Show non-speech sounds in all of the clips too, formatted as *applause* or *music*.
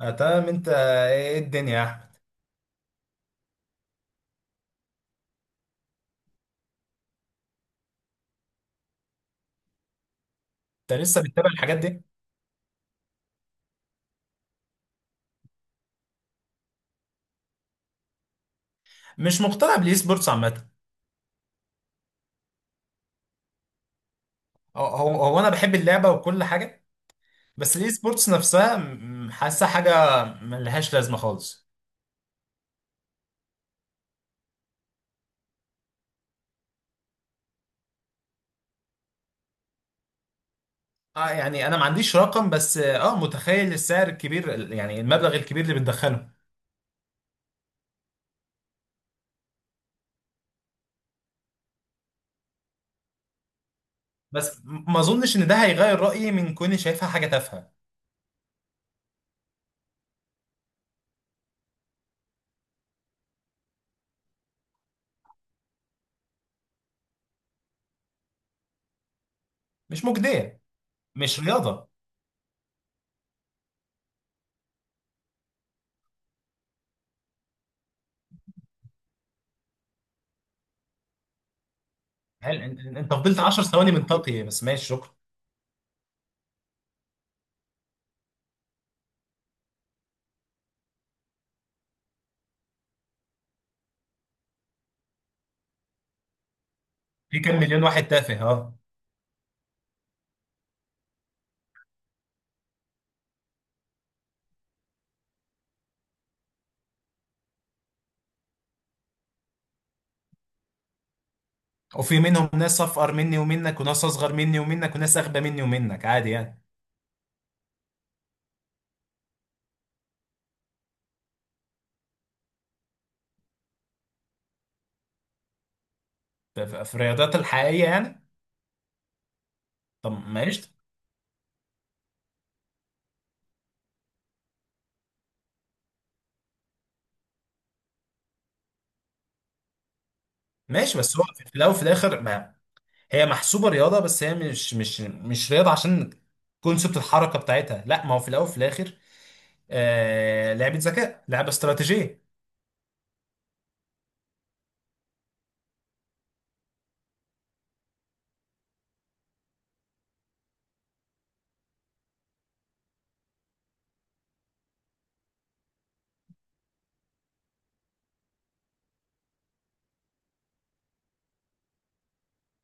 آه تمام انت ايه إيه الدنيا يا احمد. انت لسه بتتابع الحاجات دي؟ مش مقتنع بالاي سبورتس عامه. هو انا بحب اللعبه وكل حاجه، بس الاي سبورتس نفسها حاسه حاجه ملهاش لازمه خالص. اه يعني انا ما عنديش رقم، بس اه متخيل السعر الكبير يعني المبلغ الكبير اللي بتدخله. بس ما اظنش ان ده هيغير رايي من كوني شايفها حاجه تافهه. مش مجديه. مش رياضه. هل انت فضلت 10 ثواني من طاقي؟ بس ماشي، شكرا. في كام مليون واحد تافه، اه. وفي منهم ناس أفقر مني ومنك، وناس أصغر مني ومنك، وناس أغبى مني ومنك، عادي يعني. في الرياضات الحقيقية يعني. طب ماشي. ماشي، بس هو في الأول وفي الآخر ما هي محسوبة رياضة، بس هي مش مش رياضة، عشان كونسبت الحركة بتاعتها. لا، ما هو في الأول وفي الآخر آه لعبة ذكاء، لعبة استراتيجية.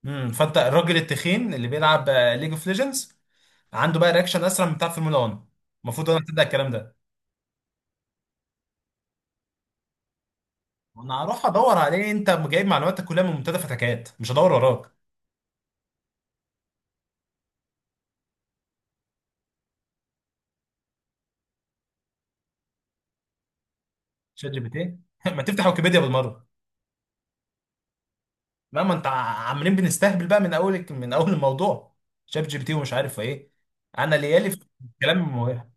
فأنت الراجل التخين اللي بيلعب ليج اوف ليجندز عنده بقى رياكشن أسرع من بتاع فورمولا 1؟ المفروض أنا أبتدي الكلام ده. وأنا هروح أدور عليه. أنت جايب معلوماتك كلها من منتدى فتكات؟ مش هدور وراك. شات جي بي تي *laughs* ما تفتح ويكيبيديا بالمره! لا، ما انت عمالين بنستهبل بقى من اول من اول الموضوع. شات جي بي تي ومش عارف ايه. انا ليالي في كلام مهم.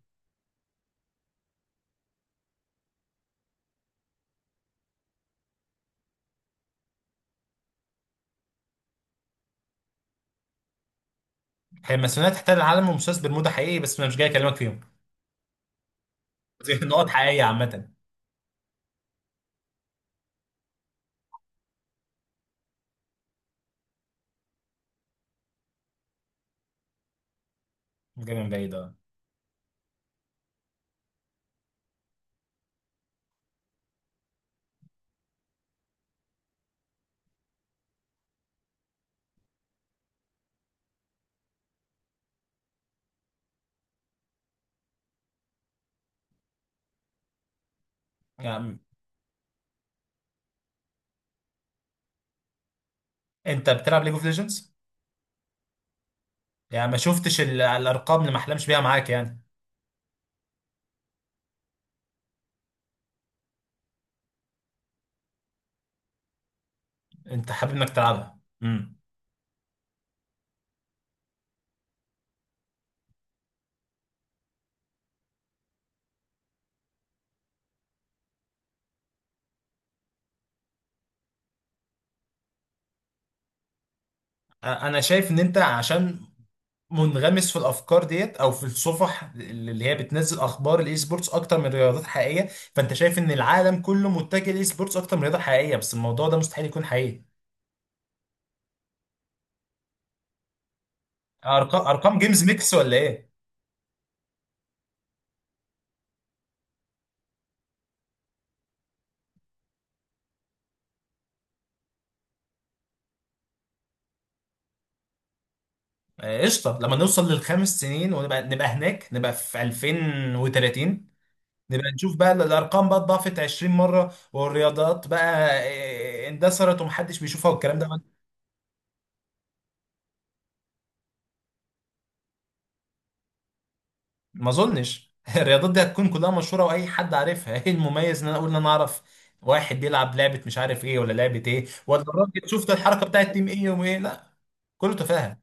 هي الماسونيه تحتل العالم ومساس برمودا حقيقي، بس انا مش جاي اكلمك فيهم. *laughs* زي نقط حقيقيه عامه. مش جاي من بعيد، اه. يعني انت بتلعب ليج اوف ليجندز، يعني ما شفتش الارقام اللي ما احلمش بيها معاك يعني؟ انت حابب انك تلعبها انا شايف ان انت عشان منغمس في الافكار ديت، او في الصفح اللي هي بتنزل اخبار الاي سبورتس اكتر من رياضات حقيقيه، فانت شايف ان العالم كله متجه للاي سبورتس اكتر من رياضه حقيقيه، بس الموضوع ده مستحيل يكون حقيقي. ارقام؟ ارقام جيمز ميكس ولا ايه؟ آه، قشطه، لما نوصل للخمس سنين ونبقى هناك، نبقى في 2030 نبقى نشوف بقى الارقام بقى اتضاعفت 20 مره، والرياضات بقى آه، اندثرت ومحدش بيشوفها والكلام ده. ما اظنش *laughs* الرياضات دي هتكون كلها مشهوره واي حد عارفها. ايه المميز ان انا اقول ان انا اعرف واحد بيلعب لعبه مش عارف ايه، ولا لعبه ايه، ولا الراجل شفت الحركه بتاعت تيم ايه وايه؟ لا، كله تفاهه.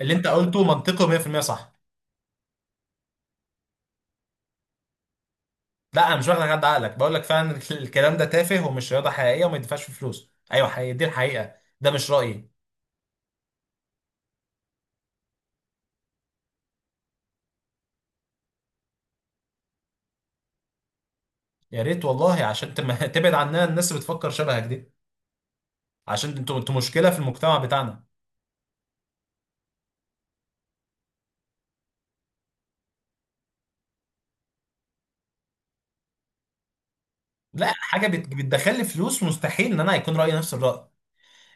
اللي انت قلته منطقي 100% صح. لا، انا مش واخد حد عقلك، بقول لك فعلا *laughs* الكلام ده تافه ومش رياضه حقيقيه وما يدفعش فيه فلوس. ايوه، حقيقي، دي الحقيقه. ده مش رايي؟ يا ريت والله، عشان *laughs* تبعد عنها الناس اللي بتفكر شبهك دي، عشان انتوا مشكله في المجتمع بتاعنا. لا، حاجه بتدخل لي فلوس مستحيل ان انا هيكون رايي نفس الراي.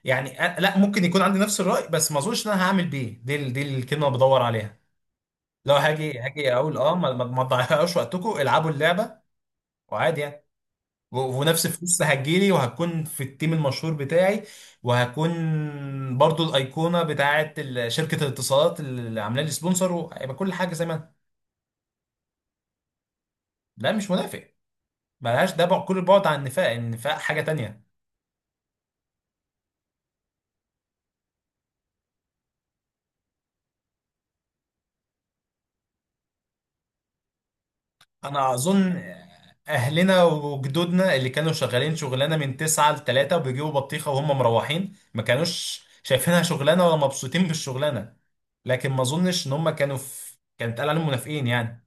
يعني أنا لا ممكن يكون عندي نفس الرأي، بس ما اظنش ان انا هعمل بيه. دي الكلمه اللي بدور عليها. لو هاجي اقول اه ما تضيعوش وقتكم، العبوا اللعبه، وعادي يعني. ونفس الفلوس هتجيلي، وهكون في التيم المشهور بتاعي، وهكون برضو الايقونه بتاعه شركه الاتصالات اللي عامله لي سبونسر، وهيبقى كل حاجه زي ما أنا. لا مش منافق. ملهاش، ده كل البعد عن النفاق. النفاق حاجه تانية. انا اظن اهلنا وجدودنا اللي كانوا شغالين شغلانه من 9 ل 3 وبيجيبوا بطيخه وهم مروحين، ما كانوش شايفينها شغلانه ولا مبسوطين بالشغلانه، لكن ما اظنش ان هم كانوا في كان اتقال عليهم منافقين يعني.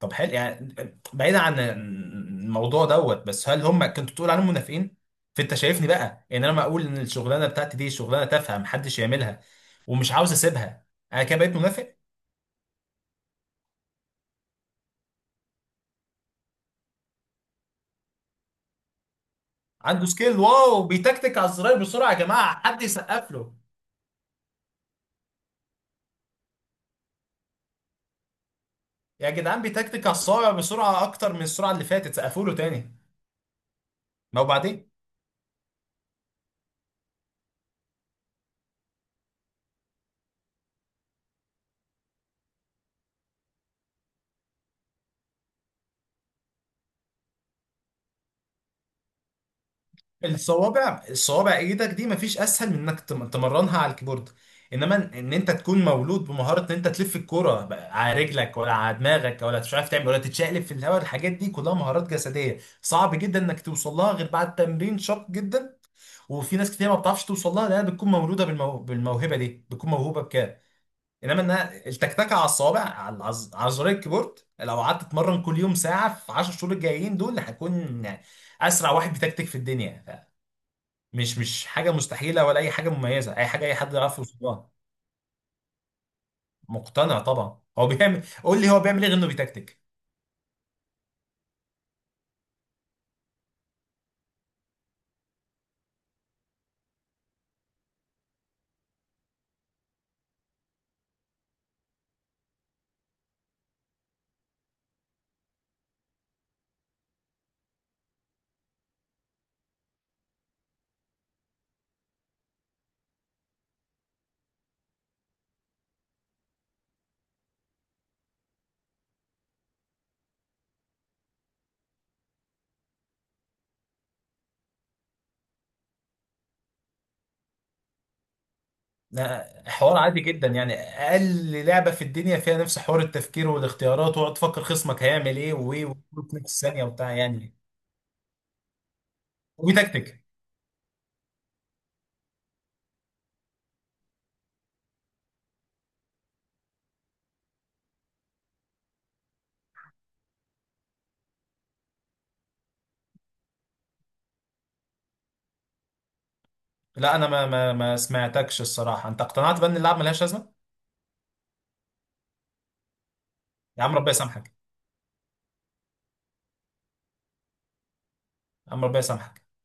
طب حلو يعني، بعيدا عن الموضوع دوت، بس هل هم كنت بتقول عليهم منافقين؟ فانت شايفني بقى ان انا ما اقول ان الشغلانه بتاعتي دي شغلانه تافهه محدش يعملها ومش عاوز اسيبها، انا كده بقيت منافق؟ عنده سكيل، واو، بيتكتك على الزراير بسرعه، يا جماعه حد يسقف له! يا جدعان بيتكتك على الصوابع بسرعه اكتر من السرعه اللي فاتت، سقفوا له تاني! ما وبعدين. الصوابع ايدك دي مفيش اسهل من انك تمرنها على الكيبورد. انما إن انت تكون مولود بمهاره ان انت تلف الكوره بقى على رجلك ولا على دماغك، ولا مش عارف تعمل ولا تتشقلب في الهواء، الحاجات دي كلها مهارات جسديه صعب جدا انك توصل لها غير بعد تمرين شاق جدا. وفي ناس كتير ما بتعرفش توصل لها لانها بتكون مولوده بالموهبه دي، بتكون موهوبه. انما انها التكتكه على الصوابع على على زرار الكيبورد، لو قعدت تتمرن كل يوم ساعه في 10 شهور الجايين دول هكون اسرع واحد بيتكتك في الدنيا، مش حاجه مستحيله ولا اي حاجه مميزه، اي حاجه اي حد يعرف يوصل لها. مقتنع طبعا. هو بيعمل، قول لي هو بيعمل ايه غير انه بيتكتك؟ ده حوار عادي جدا، يعني اقل لعبه في الدنيا فيها نفس حوار التفكير والاختيارات، وتقعد تفكر خصمك هيعمل ايه وايه، وكله في نفس ثانيه وبتاع يعني. وبيتكتك. لا انا ما سمعتكش الصراحه، انت اقتنعت بان اللعب ملهاش لازمه. يا عم ربنا يسامحك. يا عم ربنا يسامحك.